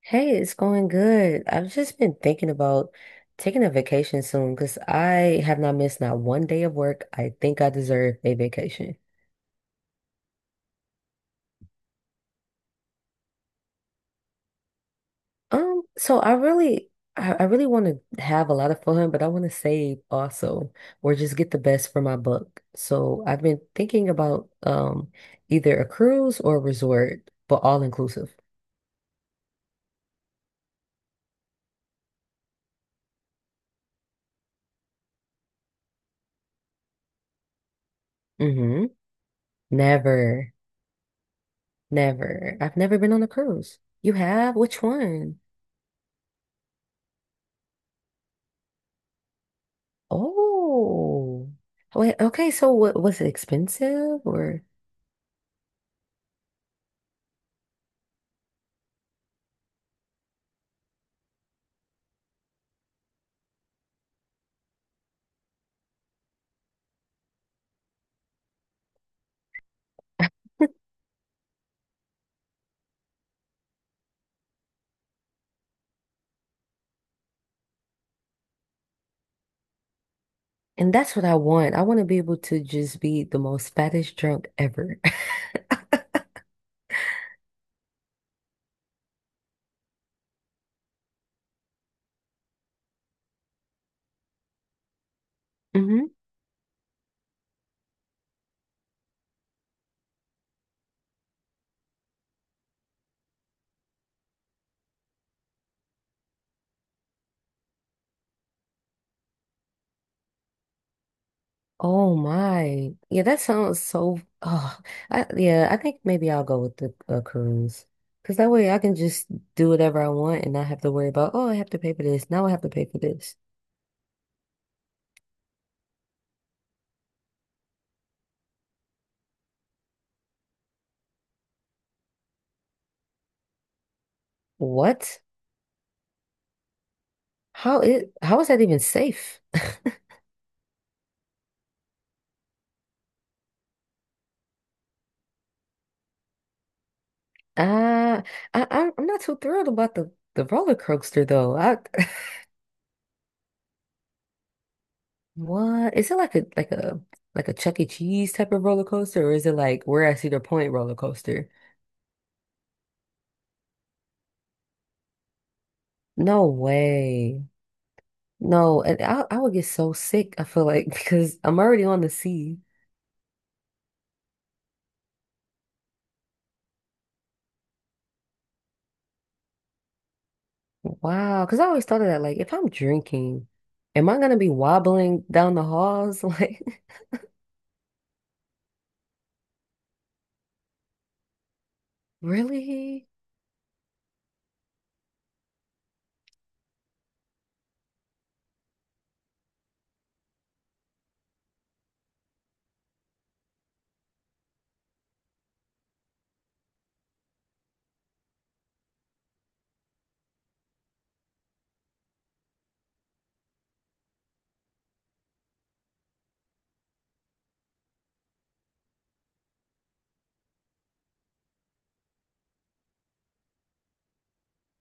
Hey, it's going good. I've just been thinking about taking a vacation soon because I have not missed not one day of work. I think I deserve a vacation. So I really, I really want to have a lot of fun, but I want to save also, or just get the best for my buck. So I've been thinking about either a cruise or a resort, but all inclusive. Mm-hmm. Never, never. I've never been on a cruise. You have? Which one? Oh, wait, okay. So, what was it expensive or? And that's what I want. I want to be able to just be the most fattest drunk ever. hmm Oh my. Yeah, that sounds so. Oh, yeah, I think maybe I'll go with the cruise because that way I can just do whatever I want and not have to worry about, oh, I have to pay for this. Now I have to pay for this. What? How is that even safe? Uh, I'm not too thrilled about the roller coaster though. I, What? Is it like a like a Chuck E. Cheese type of roller coaster, or is it like we're at Cedar Point roller coaster? No way. No, and I would get so sick, I feel like, because I'm already on the sea. Wow. Because I always thought of that, like, if I'm drinking, am I gonna be wobbling down the halls? Like, really?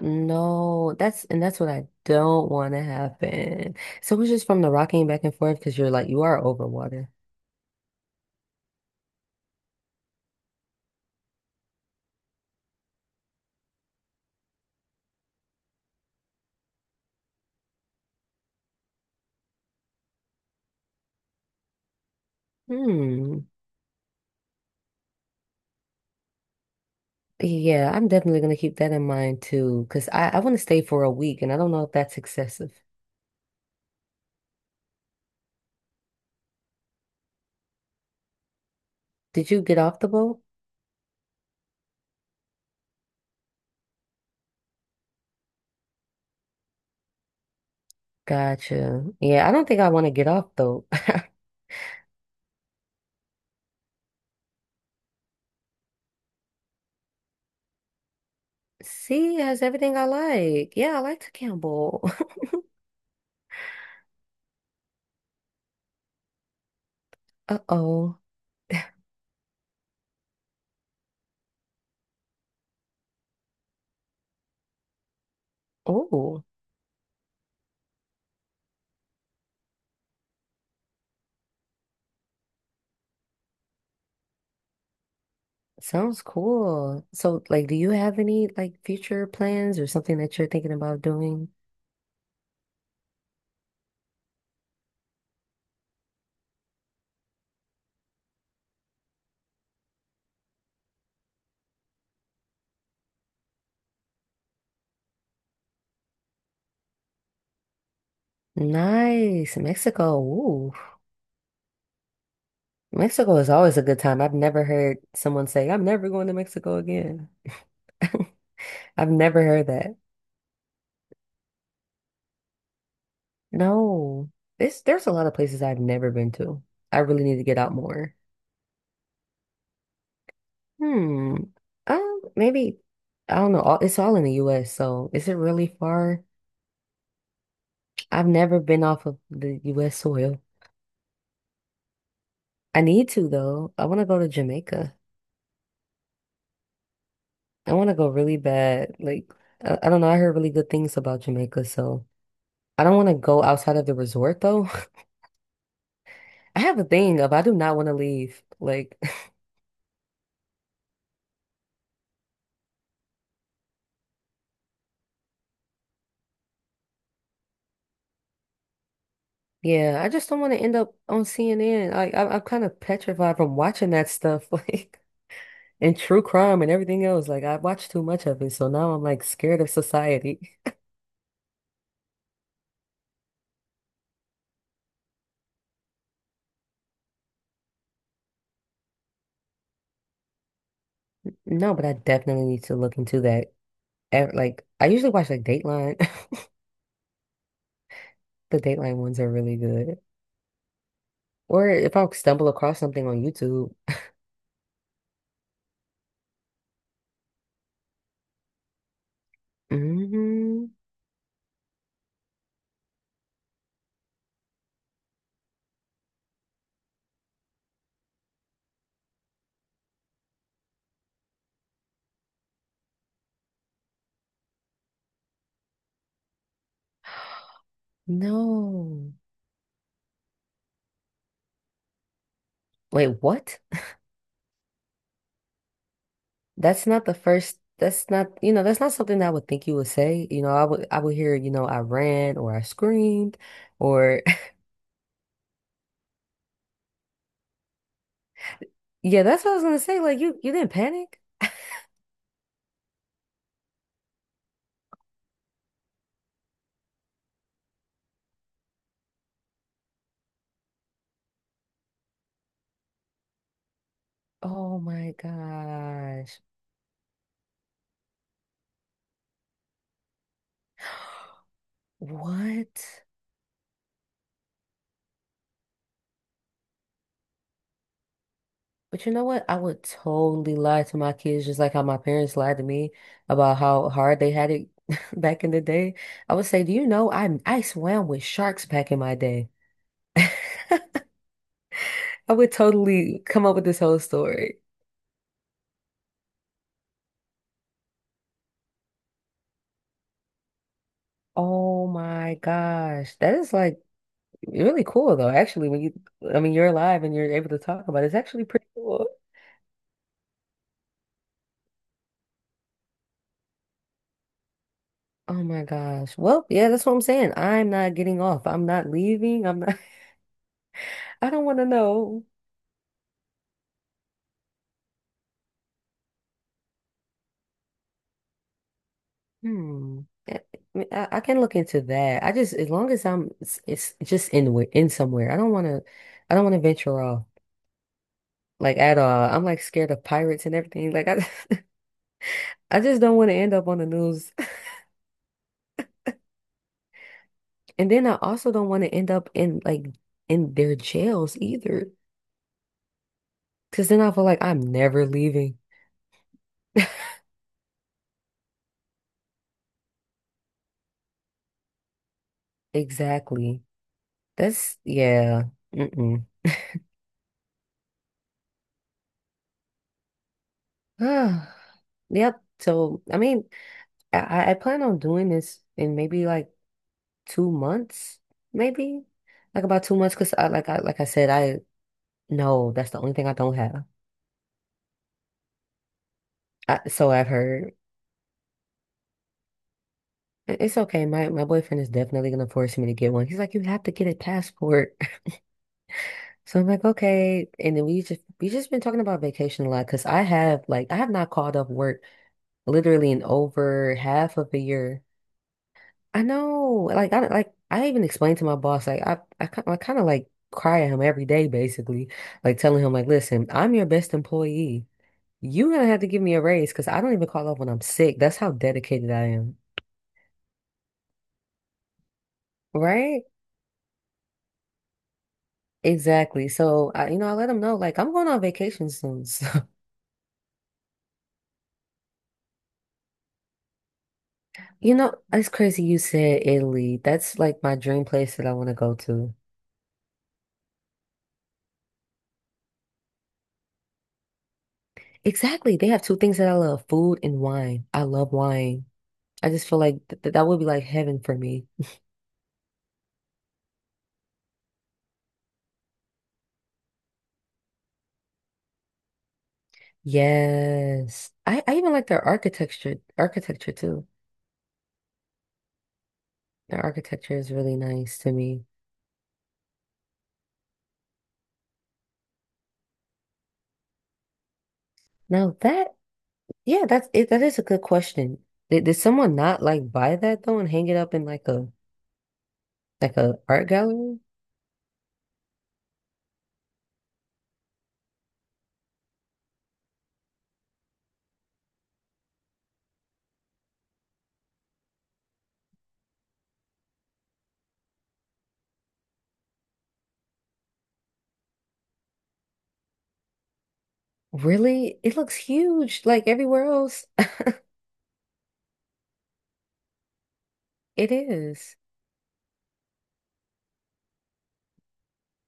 No, that's and that's what I don't want to happen. So it's just from the rocking back and forth because you're like you are over water. Hmm. Yeah, I'm definitely gonna keep that in mind too, because I want to stay for a week and I don't know if that's excessive. Did you get off the boat? Gotcha. Yeah, I don't think I want to get off though. Sea has everything I like. Yeah, I like to gamble. Uh-oh. Oh, sounds cool. So, like, do you have any like future plans or something that you're thinking about doing? Nice. Mexico. Ooh. Mexico is always a good time. I've never heard someone say, I'm never going to Mexico again. I've never heard that. No. This there's a lot of places I've never been to. I really need to get out more. Hmm. Maybe I don't know. All, it's all in the US, so is it really far? I've never been off of the US soil. I need to though. I want to go to Jamaica. I want to go really bad. Like I don't know, I heard really good things about Jamaica, so I don't want to go outside of the resort though. I have a thing of I do not want to leave. Like yeah, I just don't want to end up on CNN. Like I, I'm kind of petrified from watching that stuff, like and true crime and everything else. Like I watched too much of it, so now I'm like scared of society. No, but I definitely need to look into that. And, like I usually watch like Dateline. The Dateline ones are really good. Or if I stumble across something on YouTube. Hmm No. Wait, what? That's not the first, that's not, you know, that's not something I would think you would say. You know, I would hear, you know, I ran or I screamed or yeah, that's what I was gonna say. Like you didn't panic? Oh my gosh. What? But you know what? I would totally lie to my kids just like how my parents lied to me about how hard they had it back in the day. I would say, "Do you know I swam with sharks back in my day?" I would totally come up with this whole story. Oh my gosh. That is like really cool though. Actually, when you I mean you're alive and you're able to talk about it, it's actually pretty cool. Oh my gosh. Well, yeah, that's what I'm saying. I'm not getting off. I'm not leaving. I'm not I don't want to know. Hmm. I, I I can look into that. I just as long as I'm it's just in in somewhere. I don't want to I don't want to venture off like at all. I'm like scared of pirates and everything. Like I I just don't want to end up on the news. And then I also don't want to end up in like in their jails either. Because then I feel like I'm never leaving. Exactly. That's yeah. Mm-mm. Ah, yep. So I mean, I I plan on doing this in maybe like 2 months, maybe like about 2 months. Cause I like I like I said, I no, that's the only thing I don't have. I, so I've heard. I- It's okay. My boyfriend is definitely gonna force me to get one. He's like, you have to get a passport. So I'm like, okay. And then we just been talking about vacation a lot because I have like I have not called up work literally in over half of a year. I know, like I even explained to my boss like I I kind of like cry at him every day basically, like telling him like, listen, I'm your best employee. You're gonna have to give me a raise because I don't even call up when I'm sick. That's how dedicated I am. Right? Exactly. So I, you know, I let him know like I'm going on vacation soon. You know, it's crazy you said Italy. That's like my dream place that I want to go to. Exactly. They have two things that I love, food and wine. I love wine. I just feel like that would be like heaven for me. Yes. I even like their architecture too. Their architecture is really nice to me. Now that, yeah, that's it. That is a good question. Did someone not like buy that though and hang it up in like a art gallery? Really? It looks huge like everywhere else. It is.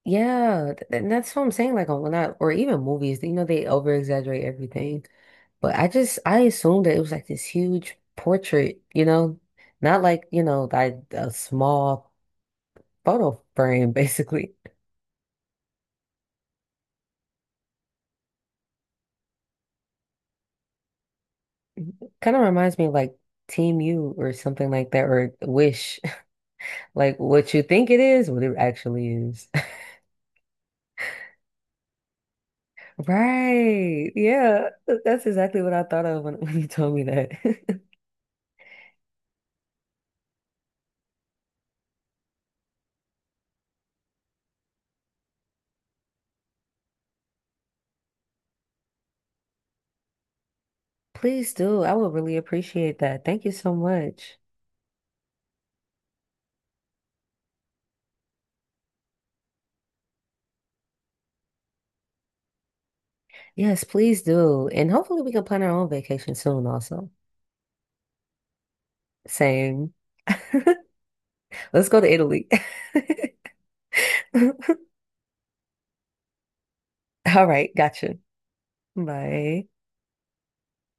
Yeah, and that's what I'm saying. Like on not or even movies, you know, they over exaggerate everything. But I assumed that it was like this huge portrait, you know, not like, you know, like a small photo frame, basically. Kind of reminds me of like Team U or something like that, or Wish. Like what you think it is, what it actually is. Right. Yeah. That's exactly what I thought of when, when you told me that. Please do. I would really appreciate that. Thank you so much. Yes, please do. And hopefully we can plan our own vacation soon also. Same. Let's go to Italy. All right, gotcha. Bye.